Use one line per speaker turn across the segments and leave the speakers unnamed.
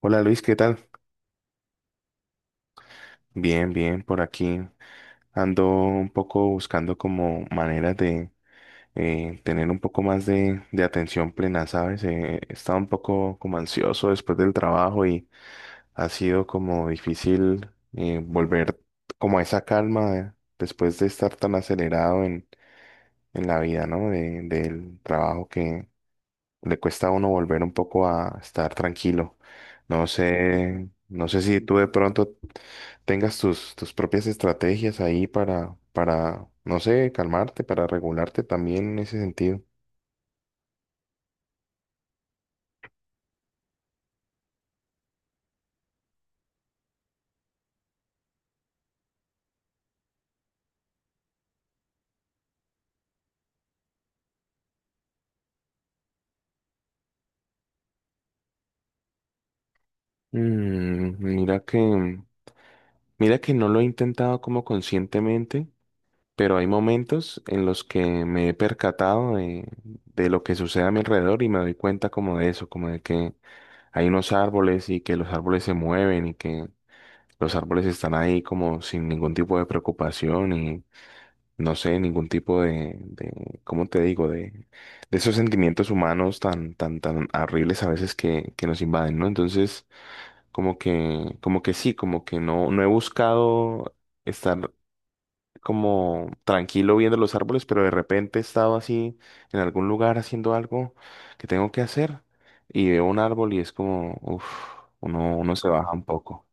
Hola Luis, ¿qué tal? Bien, bien, por aquí ando un poco buscando como maneras de tener un poco más de atención plena, ¿sabes? He estado un poco como ansioso después del trabajo y ha sido como difícil volver como a esa calma después de estar tan acelerado en la vida, ¿no? De- del trabajo que le cuesta a uno volver un poco a estar tranquilo. No sé, no sé si tú de pronto tengas tus propias estrategias ahí para no sé, calmarte, para regularte también en ese sentido. Mm, mira que no lo he intentado como conscientemente, pero hay momentos en los que me he percatado de lo que sucede a mi alrededor y me doy cuenta como de eso, como de que hay unos árboles y que los árboles se mueven y que los árboles están ahí como sin ningún tipo de preocupación y no sé, ningún tipo de ¿cómo te digo? De esos sentimientos humanos tan, tan, tan horribles a veces que nos invaden, ¿no? Entonces, como que sí, como que no, no he buscado estar como tranquilo viendo los árboles, pero de repente he estado así en algún lugar haciendo algo que tengo que hacer y veo un árbol y es como, uff, uno se baja un poco.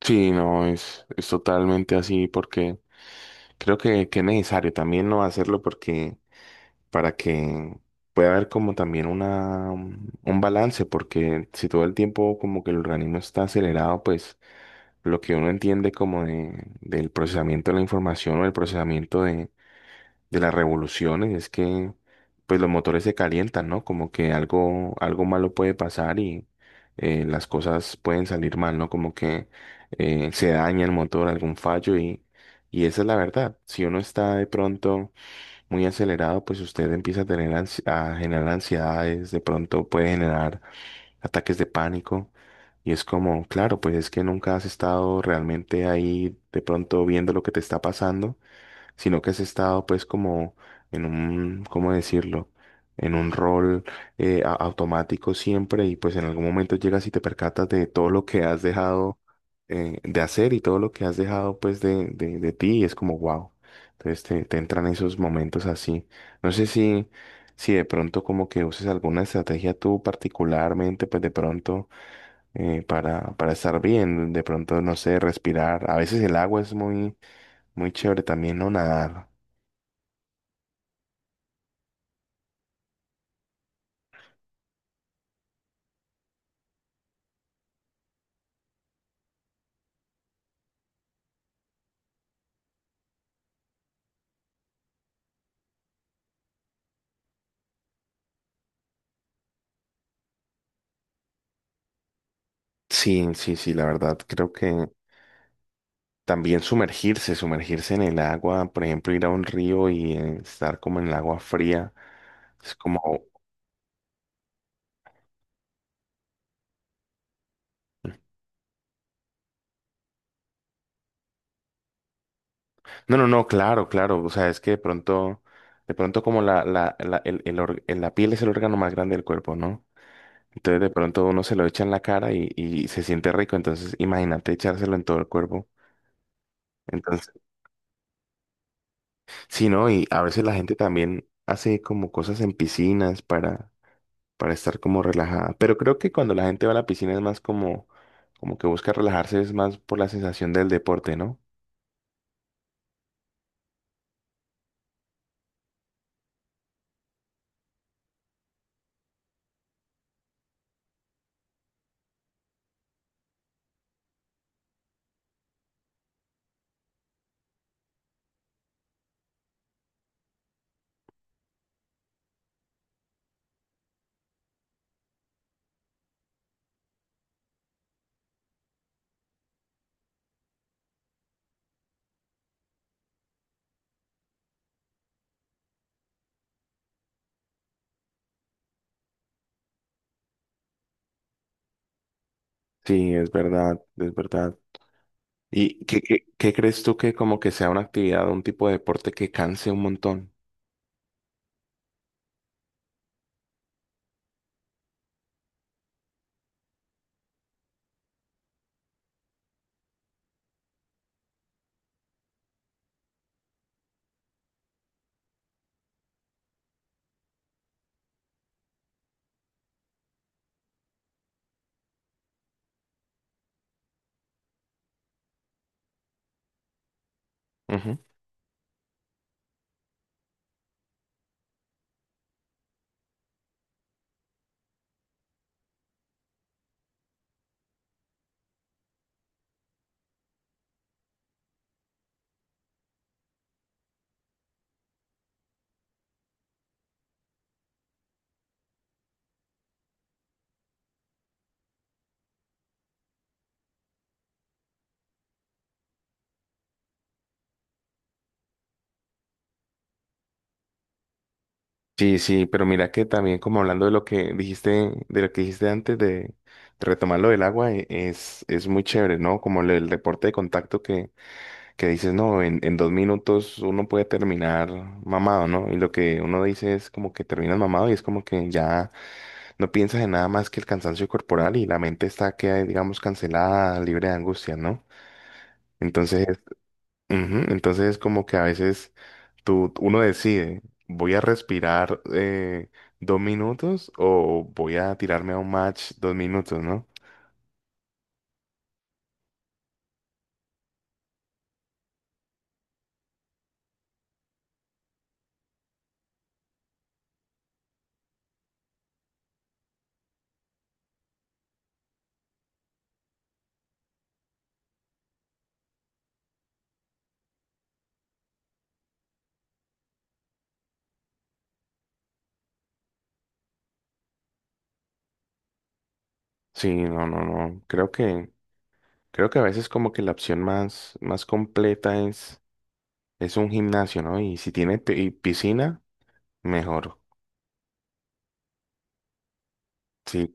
Sí, no, es totalmente así porque creo que es necesario también no hacerlo porque para que pueda haber como también una, mm, un balance porque si todo el tiempo como que el organismo está acelerado, pues lo que uno entiende como del procesamiento de la información o el procesamiento de las revoluciones es que pues los motores se calientan, ¿no? Como que algo, algo malo puede pasar y las cosas pueden salir mal, ¿no? Como que se daña el motor, algún fallo y esa es la verdad. Si uno está de pronto muy acelerado, pues usted empieza a tener a generar ansiedades, de pronto puede generar ataques de pánico. Y es como, claro, pues es que nunca has estado realmente ahí de pronto viendo lo que te está pasando sino que has estado pues como en un, ¿cómo decirlo? En un rol automático siempre y pues en algún momento llegas y te percatas de todo lo que has dejado de hacer y todo lo que has dejado pues de de ti y es como wow. Entonces te entran esos momentos así. No sé si de pronto como que uses alguna estrategia tú particularmente pues de pronto para estar bien, de pronto, no sé, respirar. A veces el agua es muy, muy chévere también, ¿no? Nadar. Sí, sí, sí, la verdad, creo que también sumergirse en el agua, por ejemplo, ir a un río y estar como en el agua fría, es como, no, no, no, claro, claro, o sea, es que de pronto como la, el la piel es el órgano más grande del cuerpo, ¿no? Entonces de pronto uno se lo echa en la cara y se siente rico, entonces imagínate echárselo en todo el cuerpo. Entonces, sí, ¿no? Y a veces la gente también hace como cosas en piscinas para estar como relajada. Pero creo que cuando la gente va a la piscina es más como, como que busca relajarse, es más por la sensación del deporte, ¿no? Sí, es verdad, es verdad. ¿Y qué crees tú que como que sea una actividad, un tipo de deporte que canse un montón? Ujú. Sí, sí, pero mira que también como hablando de lo que dijiste, de lo que dijiste antes de retomar lo del agua, es muy chévere, ¿no? Como el deporte de contacto que dices, no, en 2 minutos uno puede terminar mamado, ¿no? Y lo que uno dice es como que terminas mamado y es como que ya no piensas en nada más que el cansancio corporal y la mente está que, digamos, cancelada, libre de angustia, ¿no? Entonces, ujú, entonces es como que a veces uno decide, voy a respirar 2 minutos o voy a tirarme a un match 2 minutos, ¿no? Sí, no, no, no. Creo que a veces como que la opción más, más completa es un gimnasio, ¿no? Y si tiene piscina, mejor. Sí,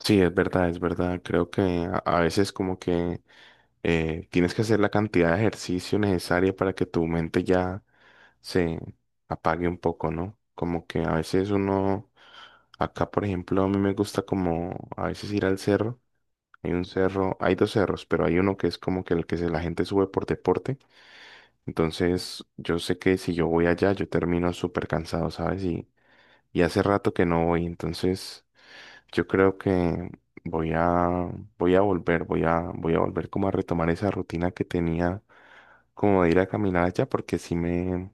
sí, es verdad, es verdad. Creo que a veces como que tienes que hacer la cantidad de ejercicio necesaria para que tu mente ya se apague un poco, ¿no? Como que a veces uno, acá por ejemplo, a mí me gusta como a veces ir al cerro. Hay un cerro, hay dos cerros, pero hay uno que es como que el la gente sube por deporte. Entonces, yo sé que si yo voy allá, yo termino súper cansado, ¿sabes? Y hace rato que no voy, entonces yo creo que voy a volver, voy a volver como a retomar esa rutina que tenía como de ir a caminar allá porque sí me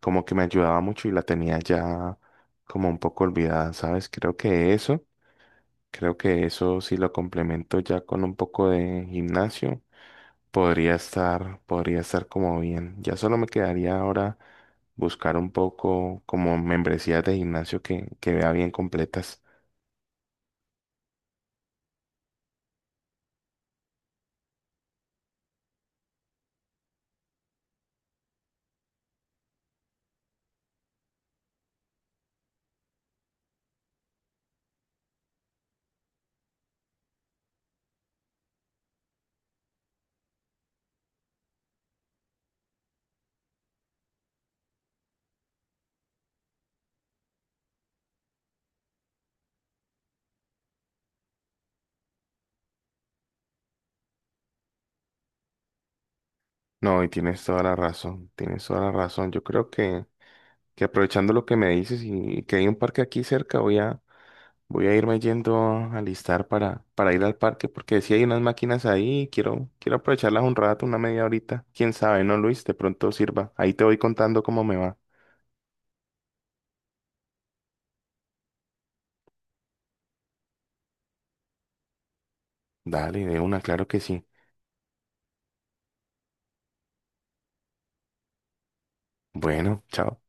como que me ayudaba mucho y la tenía ya como un poco olvidada, ¿sabes? Creo que eso si lo complemento ya con un poco de gimnasio, podría estar como bien. Ya solo me quedaría ahora buscar un poco como membresías de gimnasio que vea bien completas. No, y tienes toda la razón, tienes toda la razón. Yo creo que aprovechando lo que me dices y que hay un parque aquí cerca, voy a, voy a irme yendo a alistar para ir al parque, porque si hay unas máquinas ahí, quiero aprovecharlas un rato, una media horita. Quién sabe, ¿no, Luis? De pronto sirva. Ahí te voy contando cómo me va. Dale, de una, claro que sí. Bueno, chao.